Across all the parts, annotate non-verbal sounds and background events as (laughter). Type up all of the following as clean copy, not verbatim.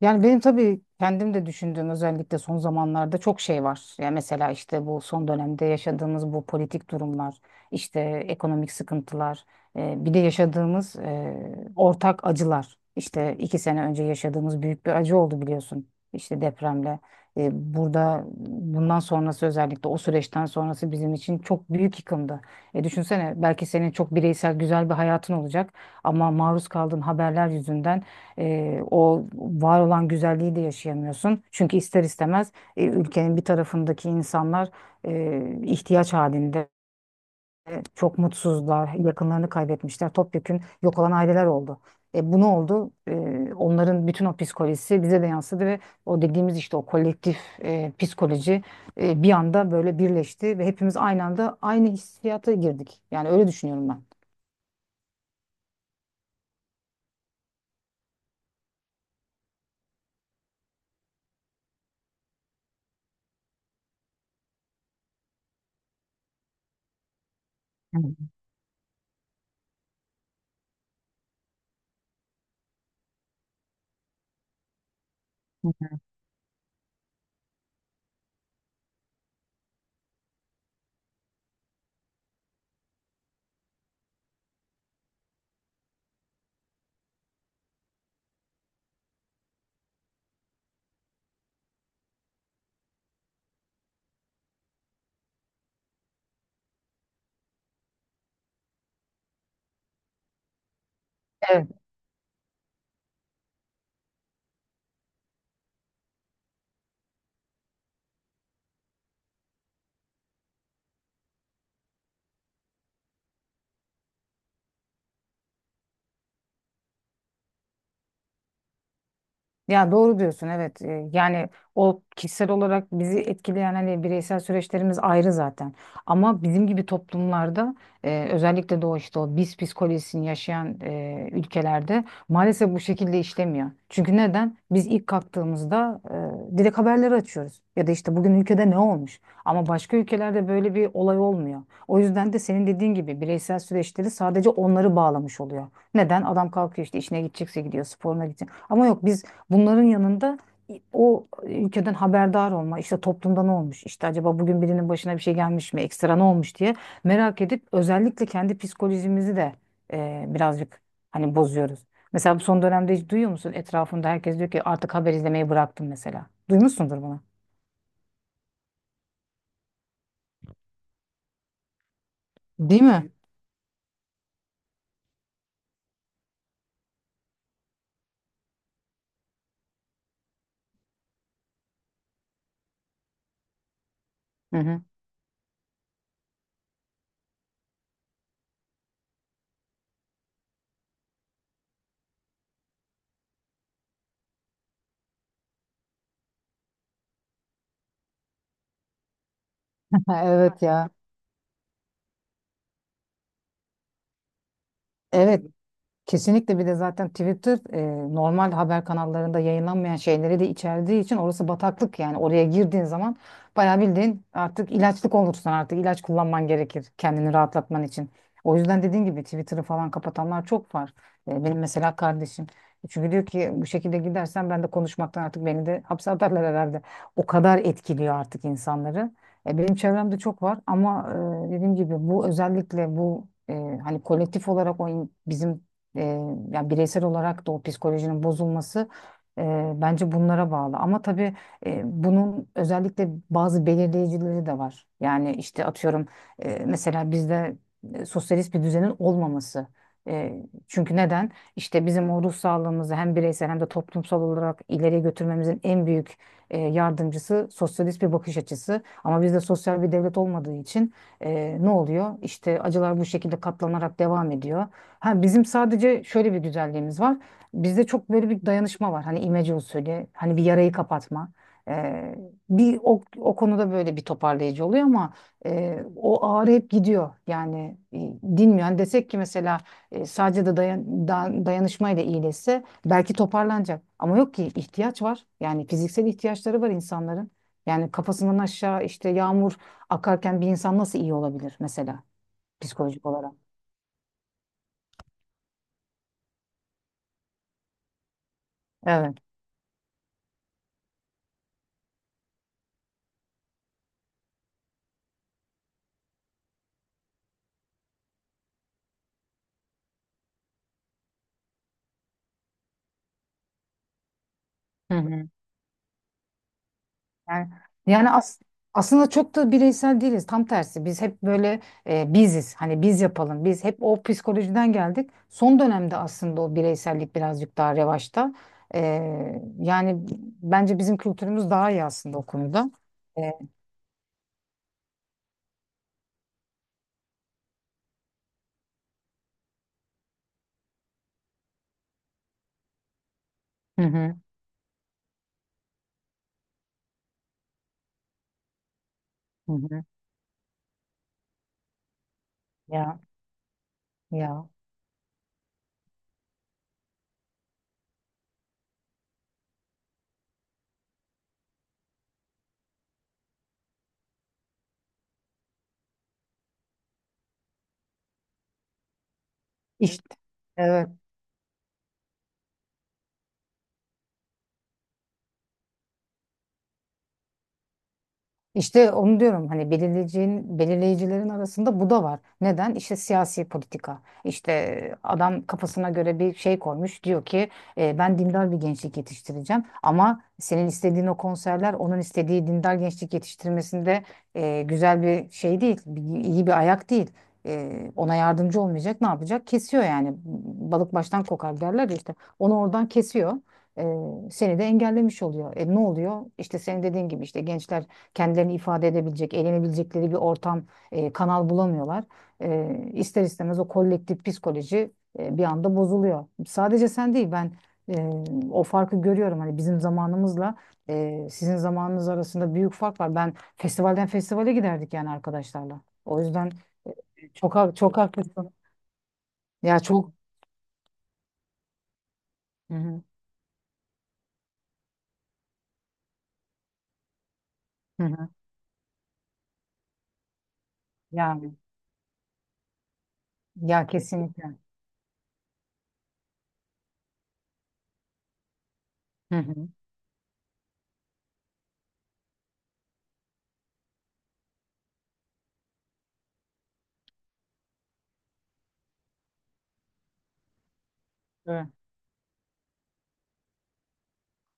Yani benim tabii kendim de düşündüğüm özellikle son zamanlarda çok şey var. Yani mesela işte bu son dönemde yaşadığımız bu politik durumlar, işte ekonomik sıkıntılar, bir de yaşadığımız ortak acılar. İşte 2 sene önce yaşadığımız büyük bir acı oldu biliyorsun. İşte depremle. Burada bundan sonrası özellikle o süreçten sonrası bizim için çok büyük yıkımdı. Düşünsene, belki senin çok bireysel güzel bir hayatın olacak ama maruz kaldığın haberler yüzünden o var olan güzelliği de yaşayamıyorsun. Çünkü ister istemez ülkenin bir tarafındaki insanlar ihtiyaç halinde çok mutsuzlar, yakınlarını kaybetmişler, topyekün yok olan aileler oldu. E, bu ne oldu? E, Onların bütün o psikolojisi bize de yansıdı ve o dediğimiz işte o kolektif psikoloji bir anda böyle birleşti ve hepimiz aynı anda aynı hissiyata girdik. Yani öyle düşünüyorum ben. Evet. Evet. Ya doğru diyorsun, evet. Yani o kişisel olarak bizi etkileyen, hani bireysel süreçlerimiz ayrı zaten, ama bizim gibi toplumlarda özellikle de o işte o biz psikolojisini yaşayan ülkelerde maalesef bu şekilde işlemiyor. Çünkü neden? Biz ilk kalktığımızda direkt haberleri açıyoruz ya da işte bugün ülkede ne olmuş, ama başka ülkelerde böyle bir olay olmuyor. O yüzden de senin dediğin gibi bireysel süreçleri sadece onları bağlamış oluyor. Neden? Adam kalkıyor, işte işine gidecekse gidiyor, sporuna gidecek, ama yok biz, bunların yanında o ülkeden haberdar olma, işte toplumda ne olmuş, işte acaba bugün birinin başına bir şey gelmiş mi, ekstra ne olmuş diye merak edip özellikle kendi psikolojimizi de birazcık hani bozuyoruz. Mesela bu son dönemde hiç duyuyor musun? Etrafında herkes diyor ki artık haber izlemeyi bıraktım mesela. Duymuşsundur bunu. Değil mi? Hı hı. (laughs) Evet ya. Evet. Kesinlikle. Bir de zaten Twitter normal haber kanallarında yayınlanmayan şeyleri de içerdiği için orası bataklık. Yani oraya girdiğin zaman bayağı bildiğin artık ilaçlık olursun, artık ilaç kullanman gerekir kendini rahatlatman için. O yüzden dediğin gibi Twitter'ı falan kapatanlar çok var. Benim mesela kardeşim. Çünkü diyor ki bu şekilde gidersen ben de konuşmaktan artık beni de hapse atarlar herhalde. O kadar etkiliyor artık insanları. Benim çevremde çok var, ama dediğim gibi bu özellikle bu e, hani kolektif olarak o in- bizim e, yani bireysel olarak da o psikolojinin bozulması bence bunlara bağlı. Ama tabii bunun özellikle bazı belirleyicileri de var. Yani işte atıyorum mesela bizde sosyalist bir düzenin olmaması. E, Çünkü neden? İşte bizim o ruh sağlığımızı hem bireysel hem de toplumsal olarak ileriye götürmemizin en büyük yardımcısı sosyalist bir bakış açısı. Ama bizde sosyal bir devlet olmadığı için ne oluyor? İşte acılar bu şekilde katlanarak devam ediyor. Ha, bizim sadece şöyle bir güzelliğimiz var. Bizde çok böyle bir dayanışma var. Hani imece usulü, hani bir yarayı kapatma. Ee, Bir o konuda böyle bir toparlayıcı oluyor ama o ağrı hep gidiyor. Yani dinmiyor. Hani desek ki mesela sadece dayanışmayla iyileşse belki toparlanacak. Ama yok ki, ihtiyaç var. Yani fiziksel ihtiyaçları var insanların. Yani kafasından aşağı işte yağmur akarken bir insan nasıl iyi olabilir mesela psikolojik olarak? Evet. Hı hı. Yani, yani as- Aslında çok da bireysel değiliz. Tam tersi. Biz hep böyle biziz. Hani biz yapalım. Biz hep o psikolojiden geldik. Son dönemde aslında o bireysellik birazcık daha revaçta. E, Yani bence bizim kültürümüz daha iyi aslında o konuda. E, hı hı. Hı hı. Ya ya. İşte. Evet. İşte onu diyorum, hani belirleyicilerin arasında bu da var. Neden? İşte siyasi politika. İşte adam kafasına göre bir şey koymuş. Diyor ki Ben dindar bir gençlik yetiştireceğim." Ama senin istediğin o konserler onun istediği dindar gençlik yetiştirmesinde güzel bir şey değil. İyi bir ayak değil. Ona yardımcı olmayacak, ne yapacak? Kesiyor yani. Balık baştan kokar derler ya işte. Onu oradan kesiyor, e, seni de engellemiş oluyor. Ne oluyor? İşte senin dediğin gibi işte gençler kendilerini ifade edebilecek, eğlenebilecekleri bir ortam, kanal bulamıyorlar. İster istemez o kolektif psikoloji bir anda bozuluyor. Sadece sen değil, ben e, o farkı görüyorum. Hani bizim zamanımızla sizin zamanınız arasında büyük fark var. Ben festivalden festivale giderdik yani arkadaşlarla. O yüzden çok haklısın. Ya çok. Hı hı. Hı hı. Yani ya kesinlikle. Hı hı. Evet.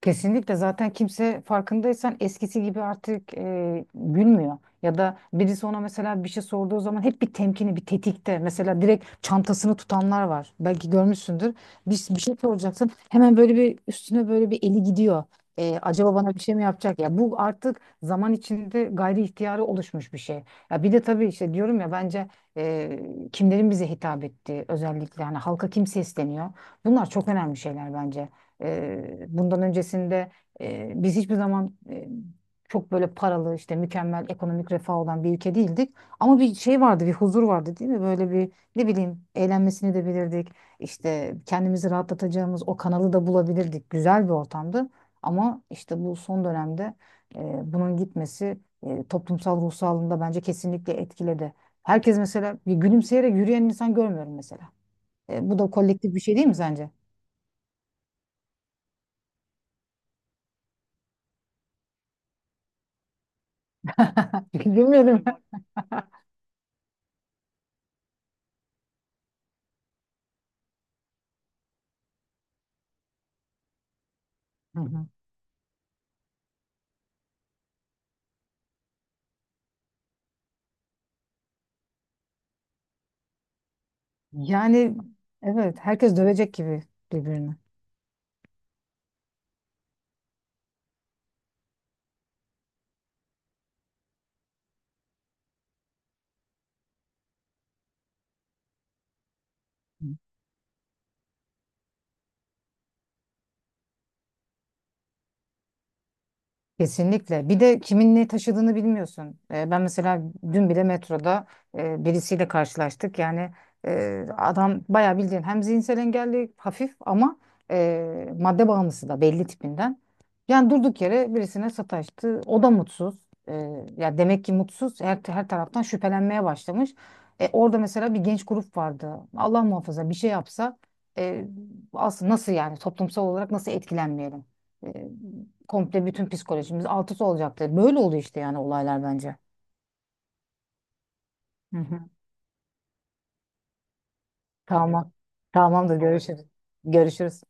Kesinlikle. Zaten kimse farkındaysan eskisi gibi artık gülmüyor. Ya da birisi ona mesela bir şey sorduğu zaman hep bir temkini, bir tetikte. Mesela direkt çantasını tutanlar var. Belki görmüşsündür. Bir şey soracaksın. Hemen böyle bir üstüne böyle bir eli gidiyor. Acaba bana bir şey mi yapacak? Ya bu artık zaman içinde gayri ihtiyari oluşmuş bir şey. Ya bir de tabii işte diyorum ya, bence e, kimlerin bize hitap ettiği, özellikle hani halka kim sesleniyor. Bunlar çok önemli şeyler bence. Bundan öncesinde biz hiçbir zaman çok böyle paralı, işte mükemmel ekonomik refah olan bir ülke değildik. Ama bir şey vardı, bir huzur vardı değil mi? Böyle bir, ne bileyim, eğlenmesini de bilirdik. İşte kendimizi rahatlatacağımız o kanalı da bulabilirdik. Güzel bir ortamdı. Ama işte bu son dönemde bunun gitmesi toplumsal ruh sağlığını da bence kesinlikle etkiledi. Herkes mesela, bir gülümseyerek yürüyen insan görmüyorum mesela. Bu da kolektif bir şey değil mi sence? (laughs) Bilmiyorum. Hı hı. Yani evet, herkes dövecek gibi birbirini. Kesinlikle. Bir de kimin ne taşıdığını bilmiyorsun. Ben mesela dün bile metroda birisiyle karşılaştık. Yani adam bayağı bildiğin hem zihinsel engelli hafif, ama madde bağımlısı da belli tipinden. Yani durduk yere birisine sataştı. O da mutsuz. E, Ya demek ki mutsuz. Her taraftan şüphelenmeye başlamış. Orada mesela bir genç grup vardı. Allah muhafaza bir şey yapsa e, aslında nasıl, yani toplumsal olarak nasıl etkilenmeyelim? Komple bütün psikolojimiz alt üst olacaktı. Böyle oldu işte yani olaylar bence. Hı hı. Tamam. Tamamdır, görüşürüz. Görüşürüz.